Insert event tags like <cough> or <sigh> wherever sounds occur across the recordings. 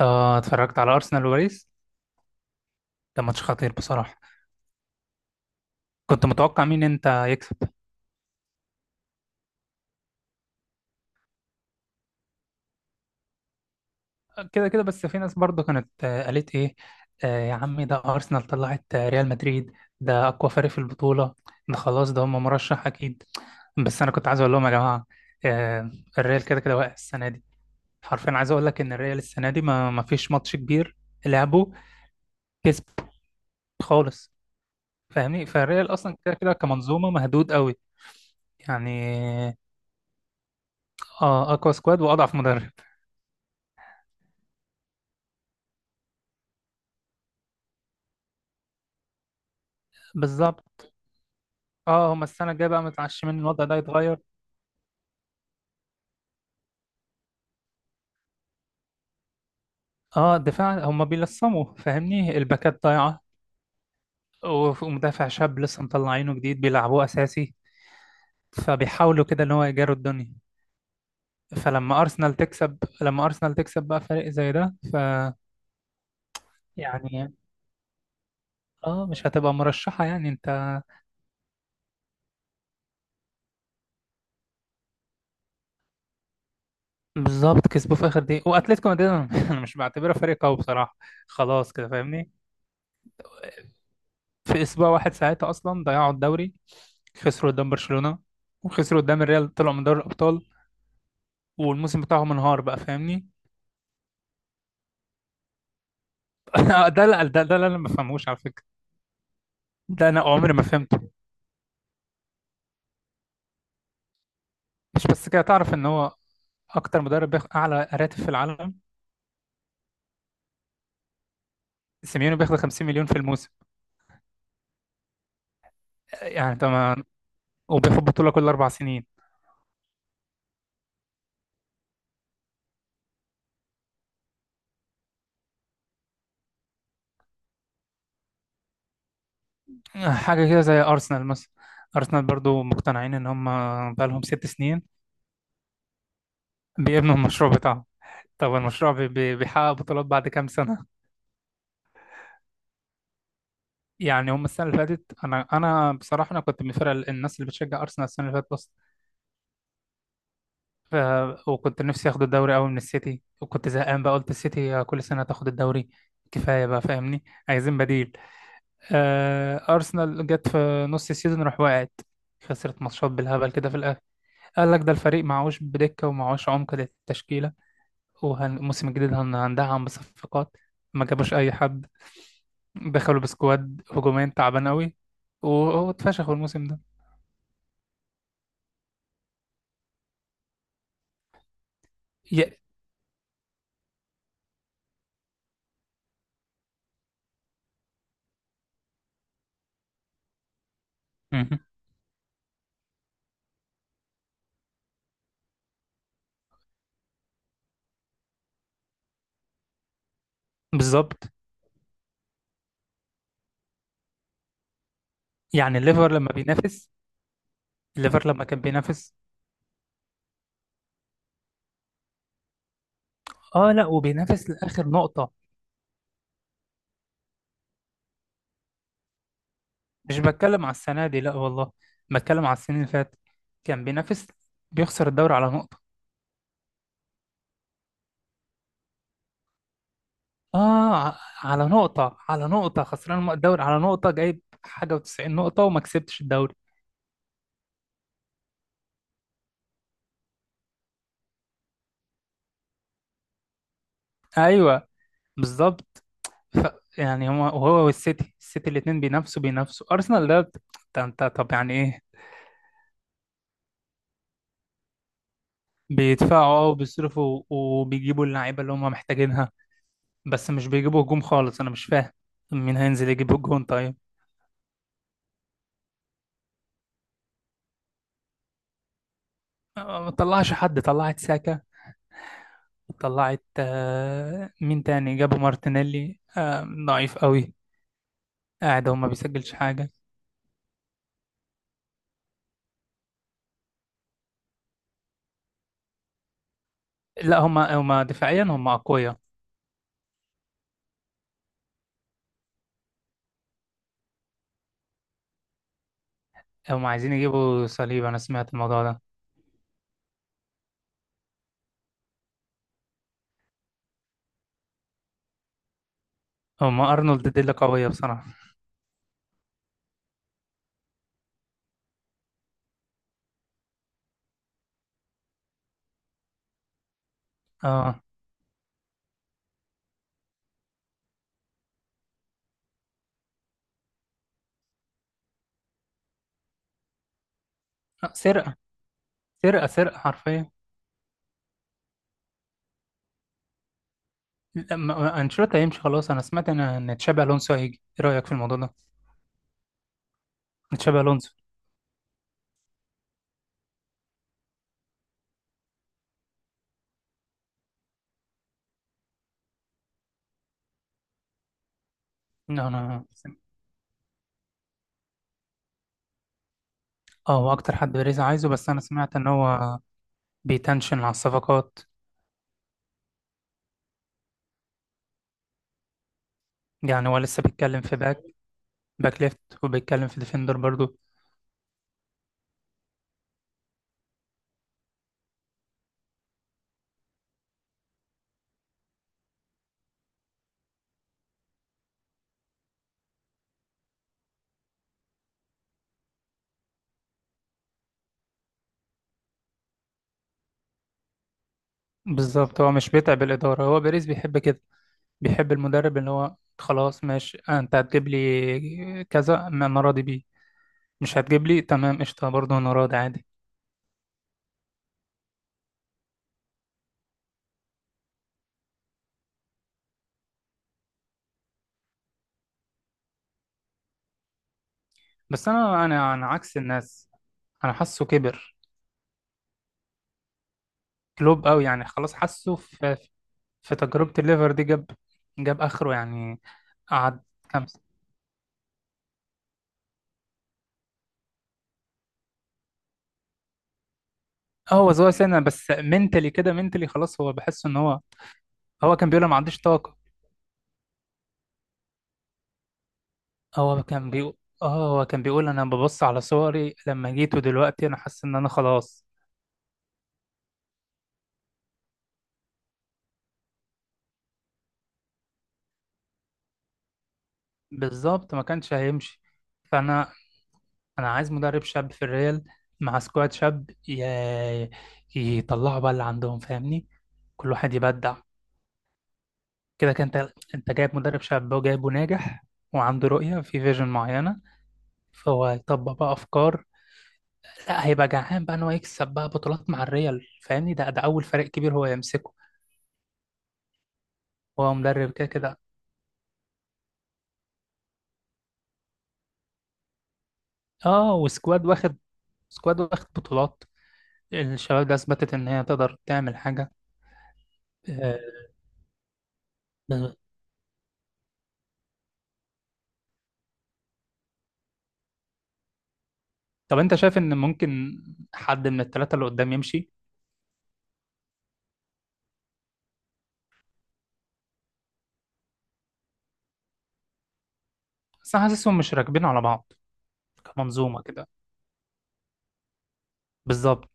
اه، اتفرجت على ارسنال وباريس. ده ماتش خطير بصراحه. كنت متوقع مين انت يكسب؟ كده كده، بس في ناس برضو كانت، قالت ايه. يا عمي، ده ارسنال طلعت ريال مدريد. ده اقوى فريق في البطوله. ده خلاص، ده هم مرشح اكيد. بس انا كنت عايز اقول لهم يا جماعه، آه الريال كده كده واقع السنه دي. حرفيا عايز اقول لك ان الريال السنه دي ما فيش ماتش كبير لعبه كسب خالص، فاهمني. فالريال اصلا كده كده كمنظومه مهدود قوي، يعني. اه، اقوى سكواد واضعف مدرب. بالظبط. اه، هما السنة الجاية بقى متعشمين الوضع ده يتغير. اه، الدفاع هما بيلصموا، فاهمني، الباكات ضايعة. ومدافع شاب لسه مطلعينه جديد بيلعبوه أساسي، فبيحاولوا كده إن هو يجاروا الدنيا. فلما أرسنال تكسب لما أرسنال تكسب بقى فريق زي ده. يعني اه، مش هتبقى مرشحة، يعني انت. بالظبط، كسبوه في آخر دقيقة. وأتلتيكو مدريد أنا <laughs> أنا مش بعتبره فريق قوي بصراحة. خلاص كده، فاهمني. في اسبوع واحد ساعتها اصلا ضيعوا الدوري، خسروا قدام برشلونة وخسروا قدام الريال، طلعوا من دوري الابطال، والموسم بتاعهم انهار بقى، فاهمني. <laughs> ده لا ده, ده اللي انا ما بفهموش على فكرة، ده انا عمري ما فهمته. مش بس كده، تعرف ان هو اكتر مدرب بياخد اعلى راتب في العالم. سيميوني بياخد 50 مليون في الموسم. يعني طبعا، وبياخد بطولة كل 4 سنين. حاجة كده زي ارسنال مثلا. ارسنال برضو مقتنعين ان هم بقى لهم 6 سنين بيبنوا المشروع بتاعهم. طب المشروع بيحقق بطولات بعد كام سنة؟ يعني هم السنه اللي فاتت، انا بصراحه انا كنت من الفرق، الناس اللي بتشجع ارسنال السنه اللي فاتت بس. ف... وكنت نفسي اخد الدوري قوي من السيتي، وكنت زهقان بقى، قلت السيتي كل سنه تاخد الدوري، كفايه بقى، فاهمني، عايزين بديل. ارسنال جت في نص السيزون راح وقعت، خسرت ماتشات بالهبل كده في الاخر. قال لك ده الفريق معهوش بدكه ومعهوش عمق للتشكيله، والموسم الجديد هندعم بصفقات. ما جابوش اي حد، دخلوا بسكواد هجومين تعبان قوي واتفشخوا الموسم. ده مهم. بالظبط، يعني الليفر لما بينافس، الليفر لما كان بينافس، اه، لا، وبينافس لاخر نقطة. مش بتكلم على السنة دي، لا والله، بتكلم على السنين اللي فاتت، كان بينافس بيخسر الدوري على نقطة. اه، على نقطة خسران الدوري على نقطة، جايب حاجة و90 نقطة وما كسبتش الدوري. ايوه، بالظبط. ف يعني هو والسيتي السيتي الاتنين بينافسوا ارسنال، ده انت طب يعني ايه؟ بيدفعوا، وبيصرفوا، وبيجيبوا اللعيبة اللي هم محتاجينها، بس مش بيجيبوا هجوم خالص، انا مش فاهم مين هينزل يجيب الجون طيب. ما طلعش حد، طلعت ساكا، طلعت مين تاني، جابوا مارتينيلي ضعيف قوي، قاعد هو ما بيسجلش حاجة. لا، هما دفاعيا هما أقوياء. هما عايزين يجيبوا صليب، أنا سمعت الموضوع ده. هما أرنولد دي اللي قوية بصراحة. اه. سرقة سرقة سرقة حرفيا. لا، أنشيلوتي هيمشي خلاص، أنا سمعت إن تشابي ألونسو هيجي. إيه رأيك في الموضوع ده؟ تشابي ألونسو. لا، أنا. اه، هو اكتر حد بيريز عايزه، بس انا سمعت ان هو بيتنشن على الصفقات. يعني هو لسه بيتكلم في باك، باك ليفت، وبيتكلم في ديفندر برضو. بالظبط، هو مش بيتعب الاداره. هو بيريز بيحب كده، بيحب المدرب اللي هو خلاص ماشي، انت هتجيب لي كذا، ما انا راضي بيه. مش هتجيب لي تمام قشطه، برضو انا راضي عادي. بس انا، انا عكس الناس. انا حاسه كبر، كلوب قوي يعني خلاص. حاسه في تجربه الليفر دي جاب، اخره يعني، قعد كام. اه، هو صغير سنا بس منتلي كده، منتلي خلاص، هو بحس ان هو. هو كان بيقول انا ما عنديش طاقه. هو كان بيقول، اه، هو كان بيقول انا ببص على صوري لما جيت ودلوقتي انا حاسس ان انا خلاص. بالظبط ما كانش هيمشي. فانا انا عايز مدرب شاب في الريال مع سكواد شاب، يطلعوا بقى اللي عندهم، فاهمني، كل واحد يبدع. كده كان، انت جايب مدرب شاب وجايبه ناجح، وعنده رؤية في فيجن معينة، فهو هيطبق بقى افكار. لا، هيبقى جعان بقى ان هو يكسب بقى بطولات مع الريال، فاهمني. ده اول فريق كبير هو يمسكه. هو مدرب كده كده. اه، وسكواد واخد. سكواد واخد بطولات. الشباب ده اثبتت ان هي تقدر تعمل حاجه. آه، بالظبط. طب انت شايف ان ممكن حد من الثلاثه اللي قدام يمشي؟ بس انا حاسسهم مش راكبين على بعض، كمنظومه كده. بالظبط.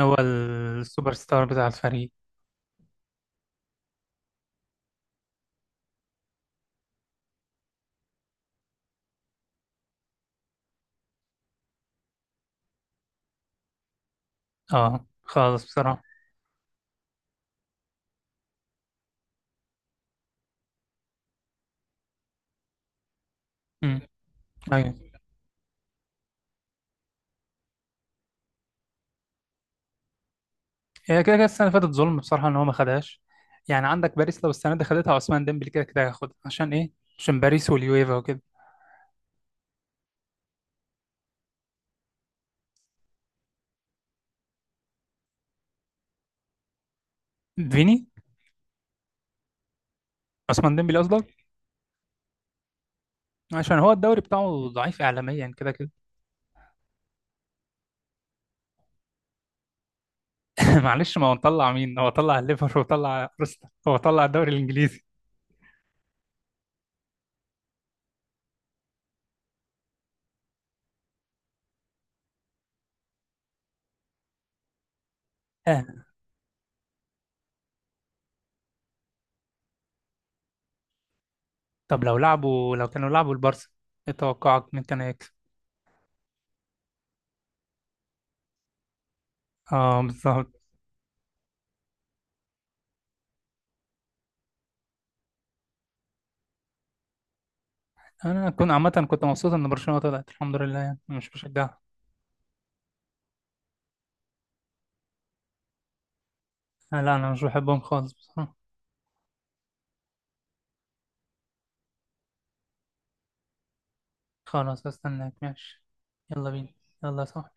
هو السوبر ستار بتاع الفريق. اه، خالص بصراحه. امم. هي كده كده السنه اللي فاتت ظلم بصراحه ان هو ما خدهاش. يعني عندك باريس لو السنه دي خدتها، عثمان ديمبلي كده كده هياخدها، عشان ايه؟ عشان باريس واليويفا وكده. فيني، عثمان ديمبلي قصدك. عشان هو الدوري بتاعه ضعيف اعلاميا كده كده. <laughs> معلش، ما هو طلع مين؟ هو طلع الليفر، وطلع ارسنال، هو طلع الدوري الانجليزي. آه. طب لو كانوا لعبوا البارسا، ايه توقعك مين كان هيكسب؟ اه، بالظبط. انا كنت عامه كنت مبسوط ان برشلونه طلعت الحمد لله، يعني أنا مش بشجعها. لا، انا مش بحبهم خالص بصراحه. خلاص، استناك ماشي. يلا بينا. يلا صح.